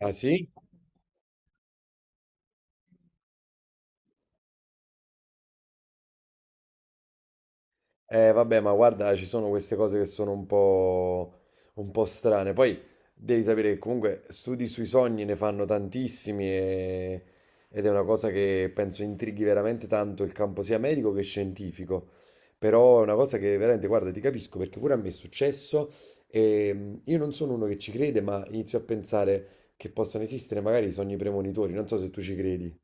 Ah, sì? Eh vabbè, ma guarda, ci sono queste cose che sono un po' strane. Poi devi sapere che comunque studi sui sogni ne fanno tantissimi ed è una cosa che penso intrighi veramente tanto il campo sia medico che scientifico. Però è una cosa che veramente, guarda, ti capisco perché pure a me è successo e io non sono uno che ci crede, ma inizio a pensare che possano esistere magari i sogni premonitori. Non so se tu ci credi.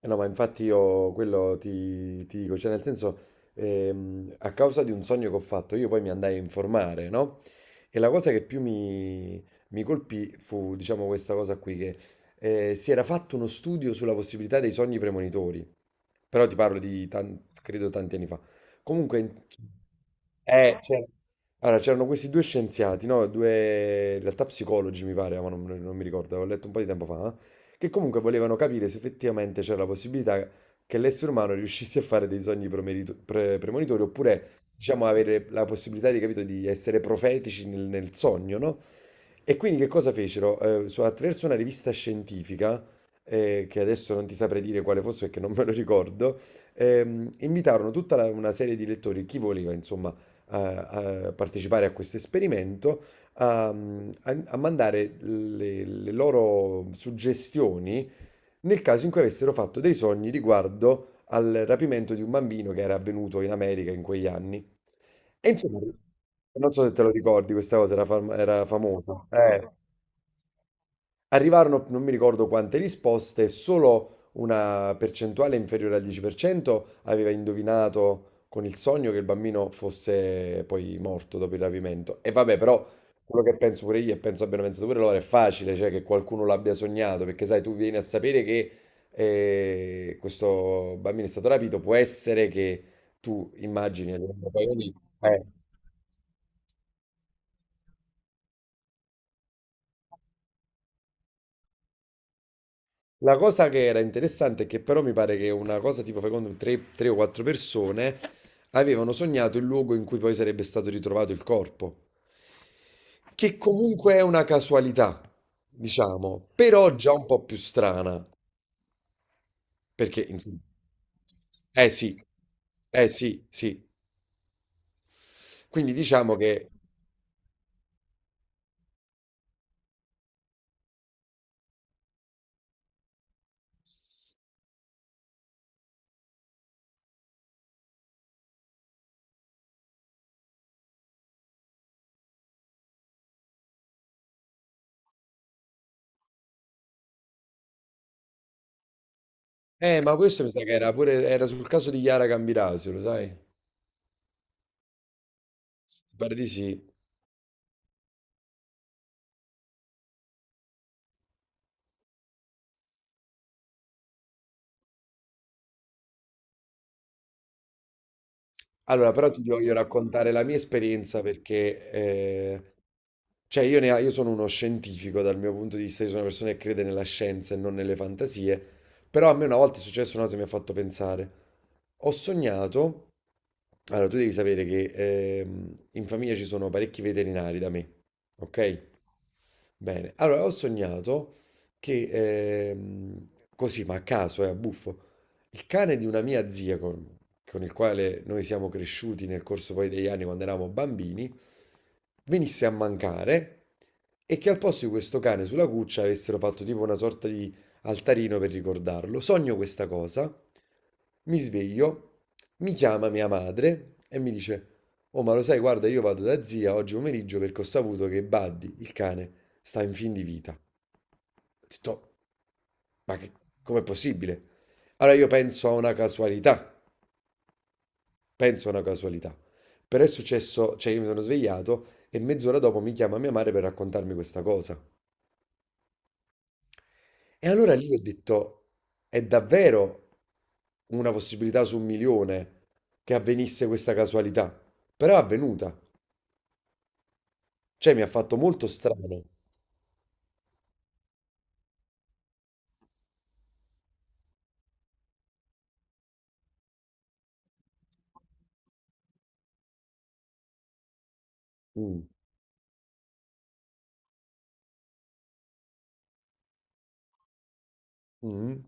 Eh no, ma infatti io quello ti dico, cioè nel senso, a causa di un sogno che ho fatto, io poi mi andai a informare, no? E la cosa che più mi colpì fu, diciamo, questa cosa qui, che si era fatto uno studio sulla possibilità dei sogni premonitori, però ti parlo di, credo, tanti anni fa. Comunque, c'era allora, c'erano questi due scienziati, no? Due, in realtà psicologi mi pare, ma non mi ricordo, avevo letto un po' di tempo fa, che comunque volevano capire se effettivamente c'era la possibilità che l'essere umano riuscisse a fare dei sogni premonitori, oppure, diciamo, avere la possibilità di, capito, di essere profetici nel, nel sogno, no? E quindi che cosa fecero? Attraverso una rivista scientifica, che adesso non ti saprei dire quale fosse perché non me lo ricordo, invitarono una serie di lettori, chi voleva, insomma a, a partecipare a questo esperimento, a, a, a- mandare le loro suggestioni nel caso in cui avessero fatto dei sogni riguardo al rapimento di un bambino che era avvenuto in America in quegli anni. E insomma, non so se te lo ricordi, questa cosa era, era famosa. Arrivarono, non mi ricordo quante risposte, solo una percentuale inferiore al 10% aveva indovinato con il sogno che il bambino fosse poi morto dopo il rapimento. E vabbè, però quello che penso pure io e penso abbiano pensato pure loro è facile, cioè che qualcuno l'abbia sognato, perché sai, tu vieni a sapere che questo bambino è stato rapito, può essere che tu immagini. Eh. La cosa che era interessante è che però mi pare che una cosa tipo, fai conto, tre o quattro persone avevano sognato il luogo in cui poi sarebbe stato ritrovato il corpo, che comunque è una casualità, diciamo, però già un po' più strana, perché insomma, eh sì, sì. Quindi diciamo che, ma questo mi sa che era pure, era sul caso di Chiara Gambirasio, lo sai? Mi Pare di sì. Allora, però ti voglio raccontare la mia esperienza perché, cioè, io sono uno scientifico dal mio punto di vista, io sono una persona che crede nella scienza e non nelle fantasie, però a me una volta è successo una cosa che mi ha fatto pensare. Ho sognato, allora tu devi sapere che in famiglia ci sono parecchi veterinari da me, ok? Bene, allora ho sognato che, così ma a caso, è a buffo, il cane di una mia zia con il quale noi siamo cresciuti nel corso poi degli anni quando eravamo bambini, venisse a mancare e che al posto di questo cane sulla cuccia avessero fatto tipo una sorta di altarino per ricordarlo. Sogno questa cosa, mi sveglio, mi chiama mia madre e mi dice. Oh, ma lo sai, guarda, io vado da zia oggi pomeriggio perché ho saputo che Buddy, il cane, sta in fin di vita. Ho detto, ma che, com'è possibile? Allora io penso a una casualità, penso a una casualità. Però è successo, cioè io mi sono svegliato e mezz'ora dopo mi chiama mia madre per raccontarmi questa cosa. E allora lì ho detto, è davvero una possibilità su un milione che avvenisse questa casualità. Però è avvenuta. Cioè mi ha fatto molto strano. Mm, mm.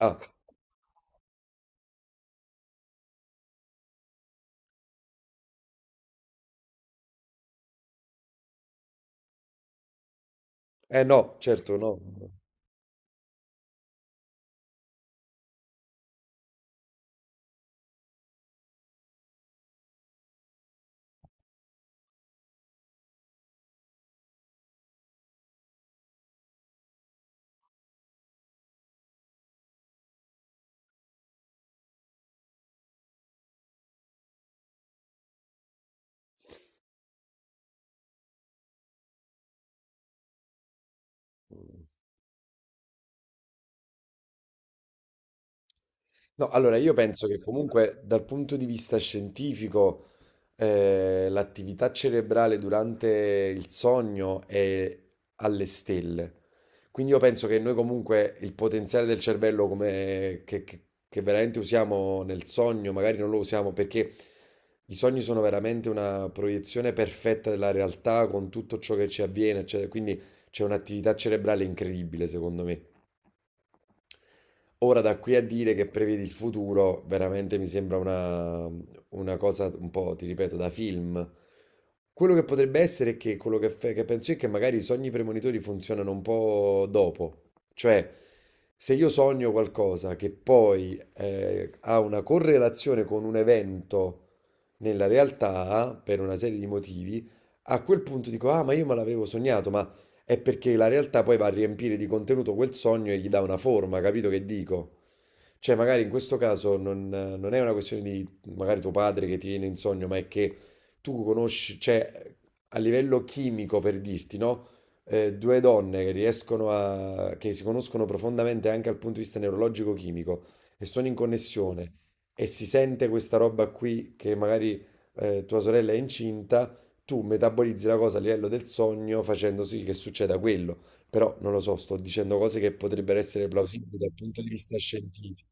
Ah, eh no, certo no. No, allora io penso che comunque dal punto di vista scientifico l'attività cerebrale durante il sogno è alle stelle. Quindi io penso che noi comunque il potenziale del cervello come, che veramente usiamo nel sogno, magari non lo usiamo perché i sogni sono veramente una proiezione perfetta della realtà con tutto ciò che ci avviene, eccetera. Quindi c'è un'attività cerebrale incredibile secondo me. Ora da qui a dire che prevedi il futuro, veramente mi sembra una cosa un po', ti ripeto, da film. Quello che potrebbe essere è che quello che penso io è che magari i sogni premonitori funzionano un po' dopo. Cioè, se io sogno qualcosa che poi ha una correlazione con un evento nella realtà, per una serie di motivi, a quel punto dico, ah, ma io me l'avevo sognato, ma è perché la realtà poi va a riempire di contenuto quel sogno e gli dà una forma, capito che dico? Cioè, magari in questo caso non è una questione di magari tuo padre che ti viene in sogno, ma è che tu conosci, cioè, a livello chimico per dirti, no? Due donne che riescono a, che si conoscono profondamente anche dal punto di vista neurologico-chimico e sono in connessione e si sente questa roba qui che magari tua sorella è incinta, tu metabolizzi la cosa a livello del sogno facendo sì che succeda quello. Però non lo so, sto dicendo cose che potrebbero essere plausibili dal punto di vista scientifico.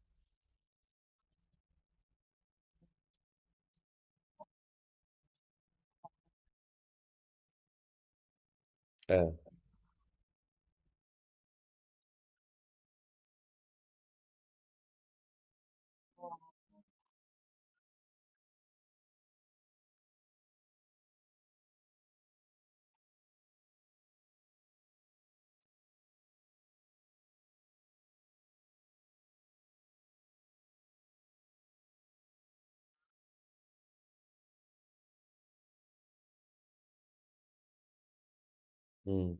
Eh, mm.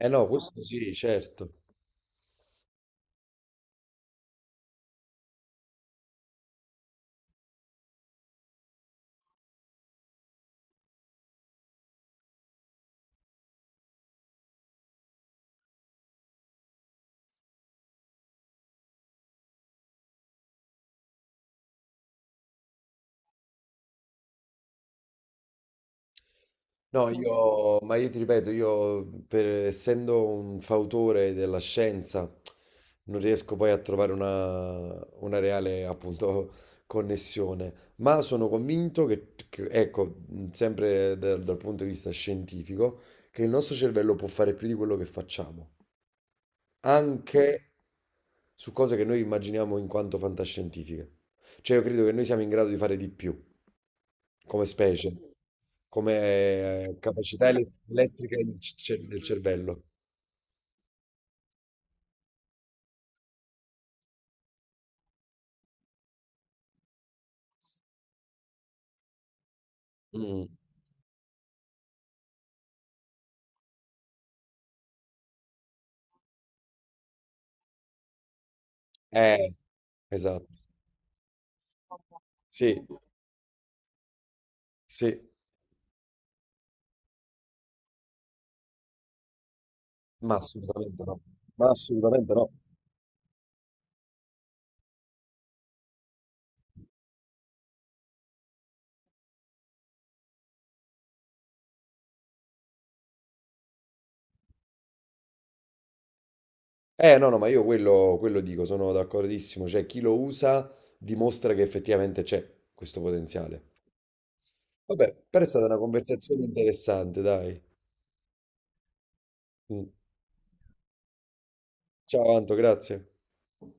Eh no, questo sì, certo. No, io ti ripeto, io essendo un fautore della scienza, non riesco poi a trovare una reale, appunto, connessione. Ma sono convinto ecco, sempre dal, dal punto di vista scientifico, che il nostro cervello può fare più di quello che facciamo, anche su cose che noi immaginiamo in quanto fantascientifiche. Cioè, io credo che noi siamo in grado di fare di più. Come specie, come capacità elettrica del del cervello. Mm. Eh, esatto. Sì, sì, ma assolutamente no. Ma assolutamente no. No, no, ma io quello dico, sono d'accordissimo. Cioè, chi lo usa dimostra che effettivamente c'è questo potenziale. Vabbè, però è stata una conversazione interessante, dai. Mm. Ciao, Anto, grazie.